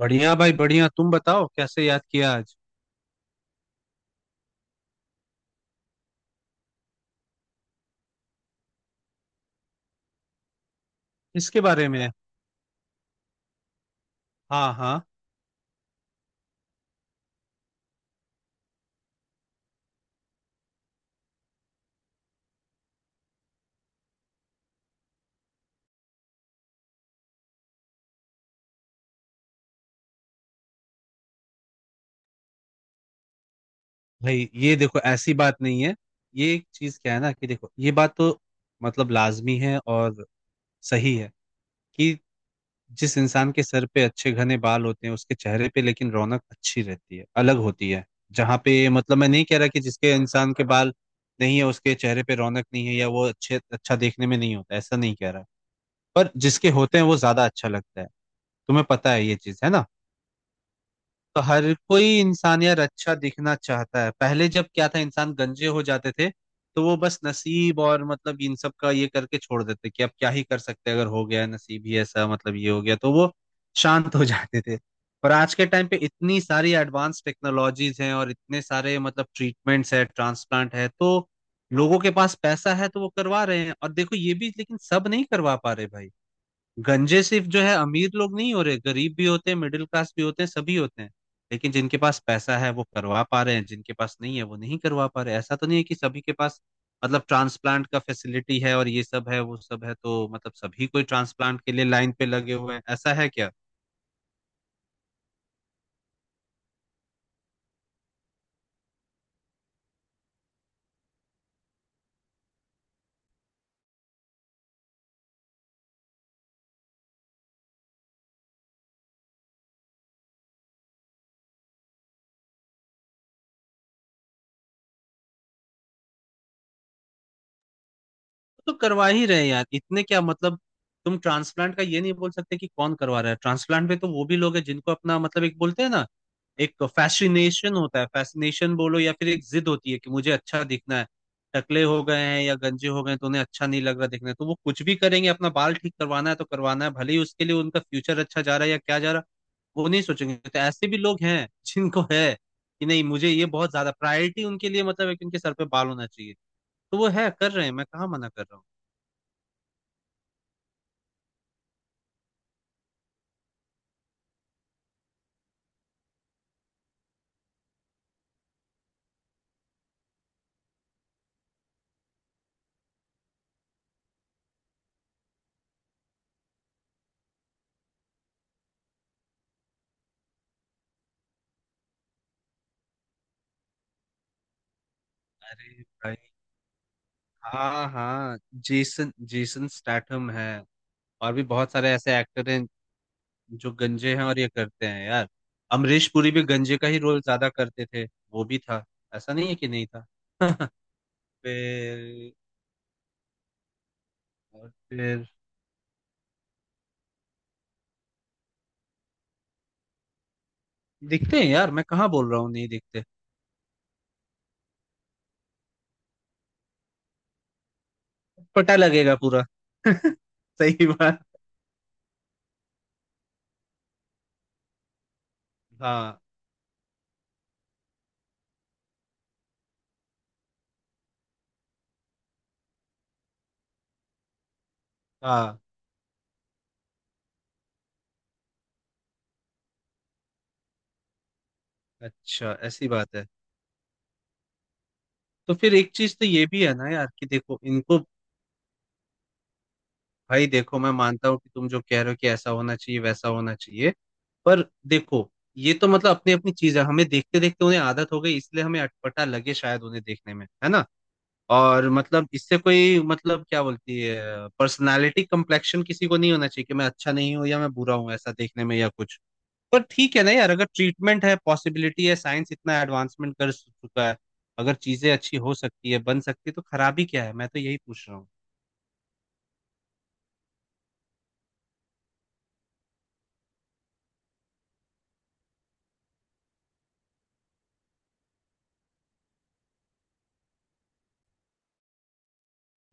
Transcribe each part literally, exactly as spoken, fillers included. बढ़िया भाई बढ़िया। तुम बताओ कैसे याद किया आज? इसके बारे में। हाँ हाँ। भाई ये देखो, ऐसी बात नहीं है। ये एक चीज क्या है ना, कि देखो, ये बात तो मतलब लाजमी है। और सही है कि जिस इंसान के सर पे अच्छे घने बाल होते हैं उसके चेहरे पे लेकिन रौनक अच्छी रहती है, अलग होती है। जहाँ पे मतलब, मैं नहीं कह रहा कि जिसके इंसान के बाल नहीं है उसके चेहरे पे रौनक नहीं है या वो अच्छे अच्छा देखने में नहीं होता, ऐसा नहीं कह रहा। पर जिसके होते हैं वो ज्यादा अच्छा लगता है। तुम्हें पता है, ये चीज है ना। तो हर कोई इंसान यार अच्छा दिखना चाहता है। पहले जब क्या था, इंसान गंजे हो जाते थे तो वो बस नसीब और मतलब इन सब का ये करके छोड़ देते कि अब क्या ही कर सकते हैं, अगर हो गया नसीब ही ऐसा मतलब ये हो गया तो वो शांत हो जाते थे। पर आज के टाइम पे इतनी सारी एडवांस टेक्नोलॉजीज हैं और इतने सारे मतलब ट्रीटमेंट्स है, ट्रांसप्लांट है, तो लोगों के पास पैसा है तो वो करवा रहे हैं। और देखो, ये भी लेकिन सब नहीं करवा पा रहे भाई। गंजे सिर्फ जो है अमीर लोग नहीं हो रहे, गरीब भी होते हैं, मिडिल क्लास भी होते हैं, सभी होते हैं। लेकिन जिनके पास पैसा है वो करवा पा रहे हैं, जिनके पास नहीं है वो नहीं करवा पा रहे। ऐसा तो नहीं है कि सभी के पास मतलब ट्रांसप्लांट का फैसिलिटी है और ये सब है वो सब है, तो मतलब सभी कोई ट्रांसप्लांट के लिए लाइन पे लगे हुए हैं, ऐसा है क्या? तो करवा ही रहे हैं यार, इतने क्या मतलब। तुम ट्रांसप्लांट का ये नहीं बोल सकते कि कौन करवा रहा है। ट्रांसप्लांट में तो वो भी लोग हैं जिनको अपना मतलब, एक बोलते हैं ना, एक फैसिनेशन होता है। फैसिनेशन बोलो या फिर एक जिद होती है कि मुझे अच्छा दिखना है। टकले हो गए हैं या गंजे हो गए हैं तो उन्हें अच्छा नहीं लग रहा, दिखना है तो वो कुछ भी करेंगे। अपना बाल ठीक करवाना है तो करवाना है, भले ही उसके लिए उनका फ्यूचर अच्छा जा रहा है या क्या जा रहा है, वो नहीं सोचेंगे। तो ऐसे भी लोग हैं जिनको है कि नहीं मुझे ये बहुत ज्यादा प्रायोरिटी उनके लिए मतलब है कि उनके सर पे बाल होना चाहिए। तो वो है, कर रहे हैं, मैं कहाँ मना कर रहा हूँ। अरे भाई। हाँ हाँ। जेसन जेसन स्टैथम है। और भी बहुत सारे ऐसे एक्टर हैं जो गंजे हैं और ये करते हैं यार। अमरीश पुरी भी गंजे का ही रोल ज्यादा करते थे। वो भी था, ऐसा नहीं है कि नहीं था। फिर, और फिर दिखते हैं यार, मैं कहाँ बोल रहा हूँ नहीं दिखते, पता लगेगा पूरा। सही बात। हाँ हाँ। अच्छा, ऐसी बात है। तो फिर एक चीज तो ये भी है ना यार कि देखो इनको। भाई देखो, मैं मानता हूँ कि तुम जो कह रहे हो कि ऐसा होना चाहिए वैसा होना चाहिए, पर देखो, ये तो मतलब अपनी अपनी चीज है। हमें देखते देखते उन्हें आदत हो गई, इसलिए हमें अटपटा लगे, शायद उन्हें देखने में है ना। और मतलब इससे कोई मतलब क्या बोलती है, पर्सनालिटी कम्प्लेक्शन किसी को नहीं होना चाहिए कि मैं अच्छा नहीं हूँ या मैं बुरा हूँ, ऐसा देखने में या कुछ। पर ठीक है ना यार, अगर ट्रीटमेंट है, पॉसिबिलिटी है, साइंस इतना एडवांसमेंट कर चुका है, अगर चीजें अच्छी हो सकती है, बन सकती है, तो खराबी क्या है? मैं तो यही पूछ रहा हूँ।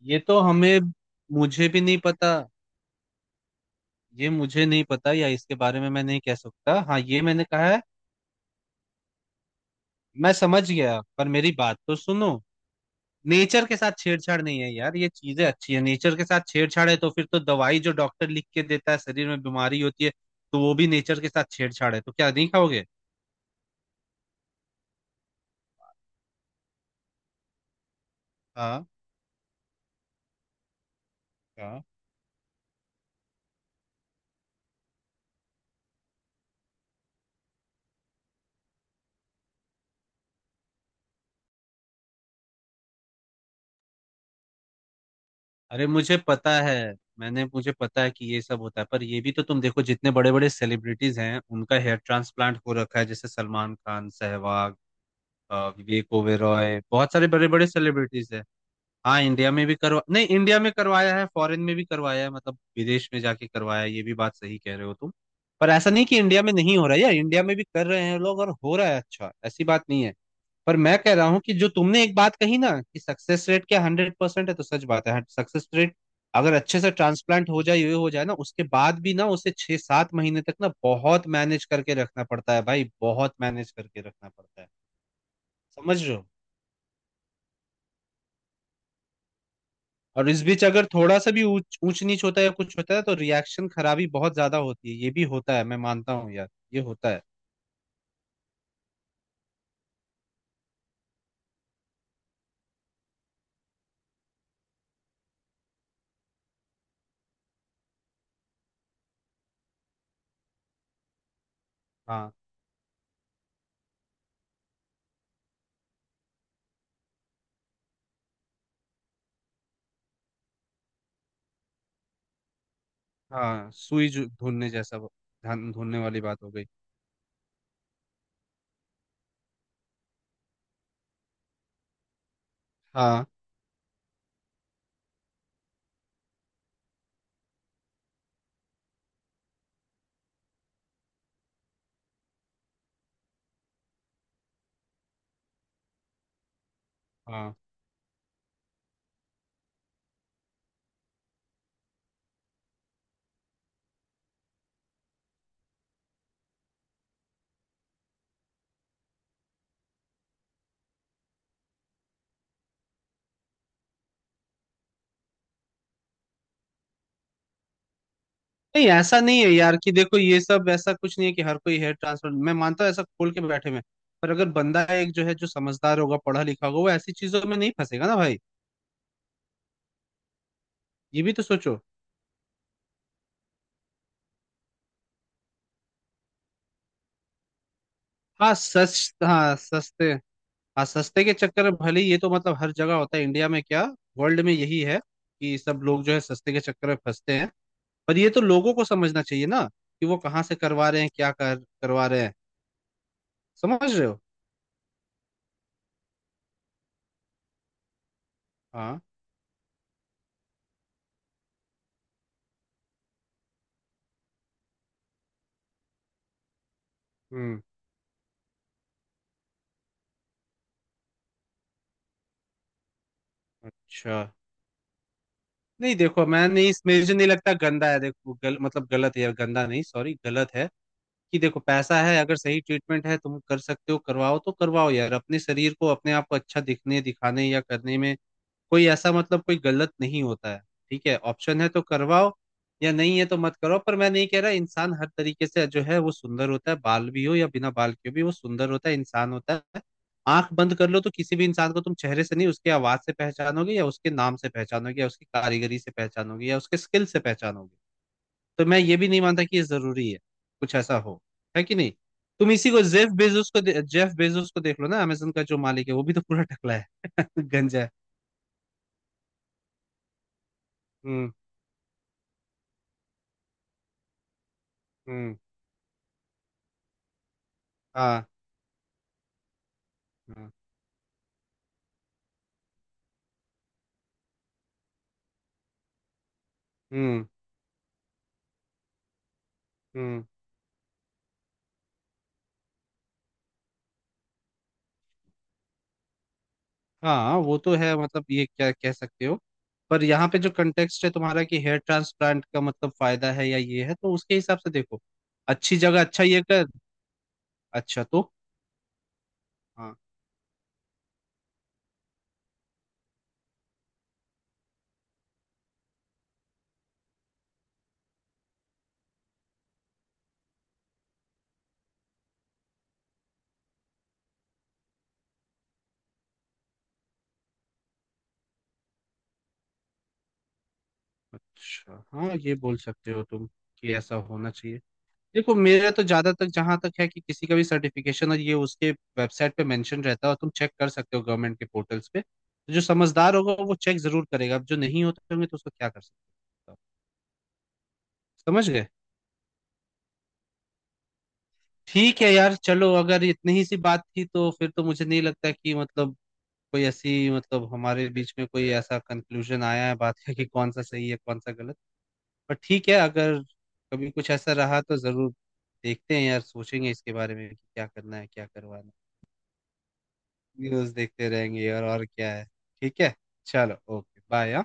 ये तो हमें, मुझे भी नहीं पता। ये मुझे नहीं पता या इसके बारे में मैं नहीं कह सकता, हाँ ये मैंने कहा है। मैं समझ गया, पर मेरी बात तो सुनो। नेचर के साथ छेड़छाड़ नहीं है यार, ये चीजें अच्छी है। नेचर के साथ छेड़छाड़ है तो फिर तो दवाई जो डॉक्टर लिख के देता है शरीर में बीमारी होती है तो वो भी नेचर के साथ छेड़छाड़ है, तो क्या नहीं खाओगे? हाँ हाँ। अरे मुझे पता है। मैंने मुझे पता है कि ये सब होता है, पर ये भी तो तुम देखो, जितने बड़े बड़े सेलिब्रिटीज हैं उनका हेयर ट्रांसप्लांट हो रखा है, जैसे सलमान खान, सहवाग, अ, विवेक ओबेरॉय, बहुत सारे बड़े बड़े सेलिब्रिटीज है। हाँ, इंडिया में भी करवा नहीं, इंडिया में करवाया है, फॉरेन में भी करवाया है, मतलब विदेश में जाके करवाया है, ये भी बात सही कह रहे हो तुम। पर ऐसा नहीं कि इंडिया में नहीं हो रहा है यार, इंडिया में भी कर रहे हैं लोग और हो रहा है, अच्छा ऐसी बात नहीं है। पर मैं कह रहा हूँ कि जो तुमने एक बात कही ना कि सक्सेस रेट क्या हंड्रेड परसेंट है, तो सच बात है, सक्सेस रेट अगर अच्छे से ट्रांसप्लांट हो जाए ये हो जाए ना, उसके बाद भी ना उसे छह सात महीने तक ना बहुत मैनेज करके रखना पड़ता है भाई, बहुत मैनेज करके रखना पड़ता है। समझ रहे हो। और इस बीच अगर थोड़ा सा भी ऊंच ऊंच नीच होता है या कुछ होता है तो रिएक्शन खराबी बहुत ज्यादा होती है, ये भी होता है, मैं मानता हूँ यार, ये होता है। हाँ हाँ। सुई जो- ढूंढने जैसा वो- धान ढूंढने वाली बात हो गई। हाँ हाँ। नहीं, ऐसा नहीं है यार, कि देखो ये सब ऐसा कुछ नहीं है कि हर कोई हेयर ट्रांसफर मैं मानता हूँ ऐसा खोल के बैठे में। पर अगर बंदा एक जो है जो समझदार होगा, पढ़ा लिखा होगा वो ऐसी चीजों में नहीं फंसेगा ना भाई। ये भी तो सोचो। हाँ सच। हाँ सस्ते। हाँ, सस्ते के चक्कर में, भले ही ये तो मतलब हर जगह होता है, इंडिया में क्या, वर्ल्ड में यही है कि सब लोग जो है सस्ते के चक्कर में फंसते हैं। पर ये तो लोगों को समझना चाहिए ना कि वो कहाँ से करवा रहे हैं, क्या कर करवा रहे हैं। समझ रहे हो। हाँ। हम्म। अच्छा। नहीं देखो, मैं नहीं इसमें मुझे नहीं लगता गंदा है, देखो गल, मतलब गलत है यार, गंदा नहीं, सॉरी गलत है। कि देखो, पैसा है अगर, सही ट्रीटमेंट है, तुम कर सकते हो करवाओ तो करवाओ यार, अपने शरीर को, अपने आप को अच्छा दिखने दिखाने या करने में कोई ऐसा मतलब कोई गलत नहीं होता है। ठीक है, ऑप्शन है तो करवाओ, या नहीं है तो मत करो। पर मैं नहीं कह रहा, इंसान हर तरीके से जो है वो सुंदर होता है, बाल भी हो या बिना बाल के भी वो सुंदर होता है, इंसान होता है। आंख बंद कर लो तो किसी भी इंसान को तुम चेहरे से नहीं, उसके आवाज से पहचानोगे या उसके नाम से पहचानोगे या उसकी कारीगरी से पहचानोगे या उसके स्किल से पहचानोगे। तो मैं ये भी नहीं मानता कि ये जरूरी है कुछ ऐसा हो, है कि नहीं। तुम इसी को, जेफ बेजोस को दे- जेफ बेजोस को देख लो ना, अमेजन का जो मालिक है वो भी तो पूरा टकला है गंजा है। हम्म हम्म। हाँ हाँ, हम्म हम्म। हाँ वो तो है, मतलब ये क्या कह सकते हो। पर यहाँ पे जो कंटेक्स्ट है तुम्हारा कि हेयर ट्रांसप्लांट का मतलब फायदा है या ये है, तो उसके हिसाब से देखो। अच्छी जगह, अच्छा ये कर। अच्छा तो, हाँ। अच्छा हाँ, ये बोल सकते हो तुम कि ऐसा होना चाहिए। देखो, मेरा तो ज्यादा तक जहां तक है कि किसी का भी सर्टिफिकेशन और ये उसके वेबसाइट पे मेंशन रहता है, और तुम चेक कर सकते हो गवर्नमेंट के पोर्टल्स पे, तो जो समझदार होगा वो चेक जरूर करेगा, अब जो नहीं होते होंगे तो उसको क्या कर सकता हो। समझ गए। ठीक है यार चलो, अगर इतनी ही सी बात थी तो फिर तो मुझे नहीं लगता कि मतलब कोई ऐसी, मतलब हमारे बीच में कोई ऐसा कंक्लूजन आया है बात का कि कौन सा सही है कौन सा गलत। पर ठीक है, अगर कभी कुछ ऐसा रहा तो जरूर देखते हैं यार, सोचेंगे इसके बारे में कि क्या करना है क्या करवाना है। न्यूज़ देखते रहेंगे यार, और क्या है। ठीक है। चलो, ओके बाय।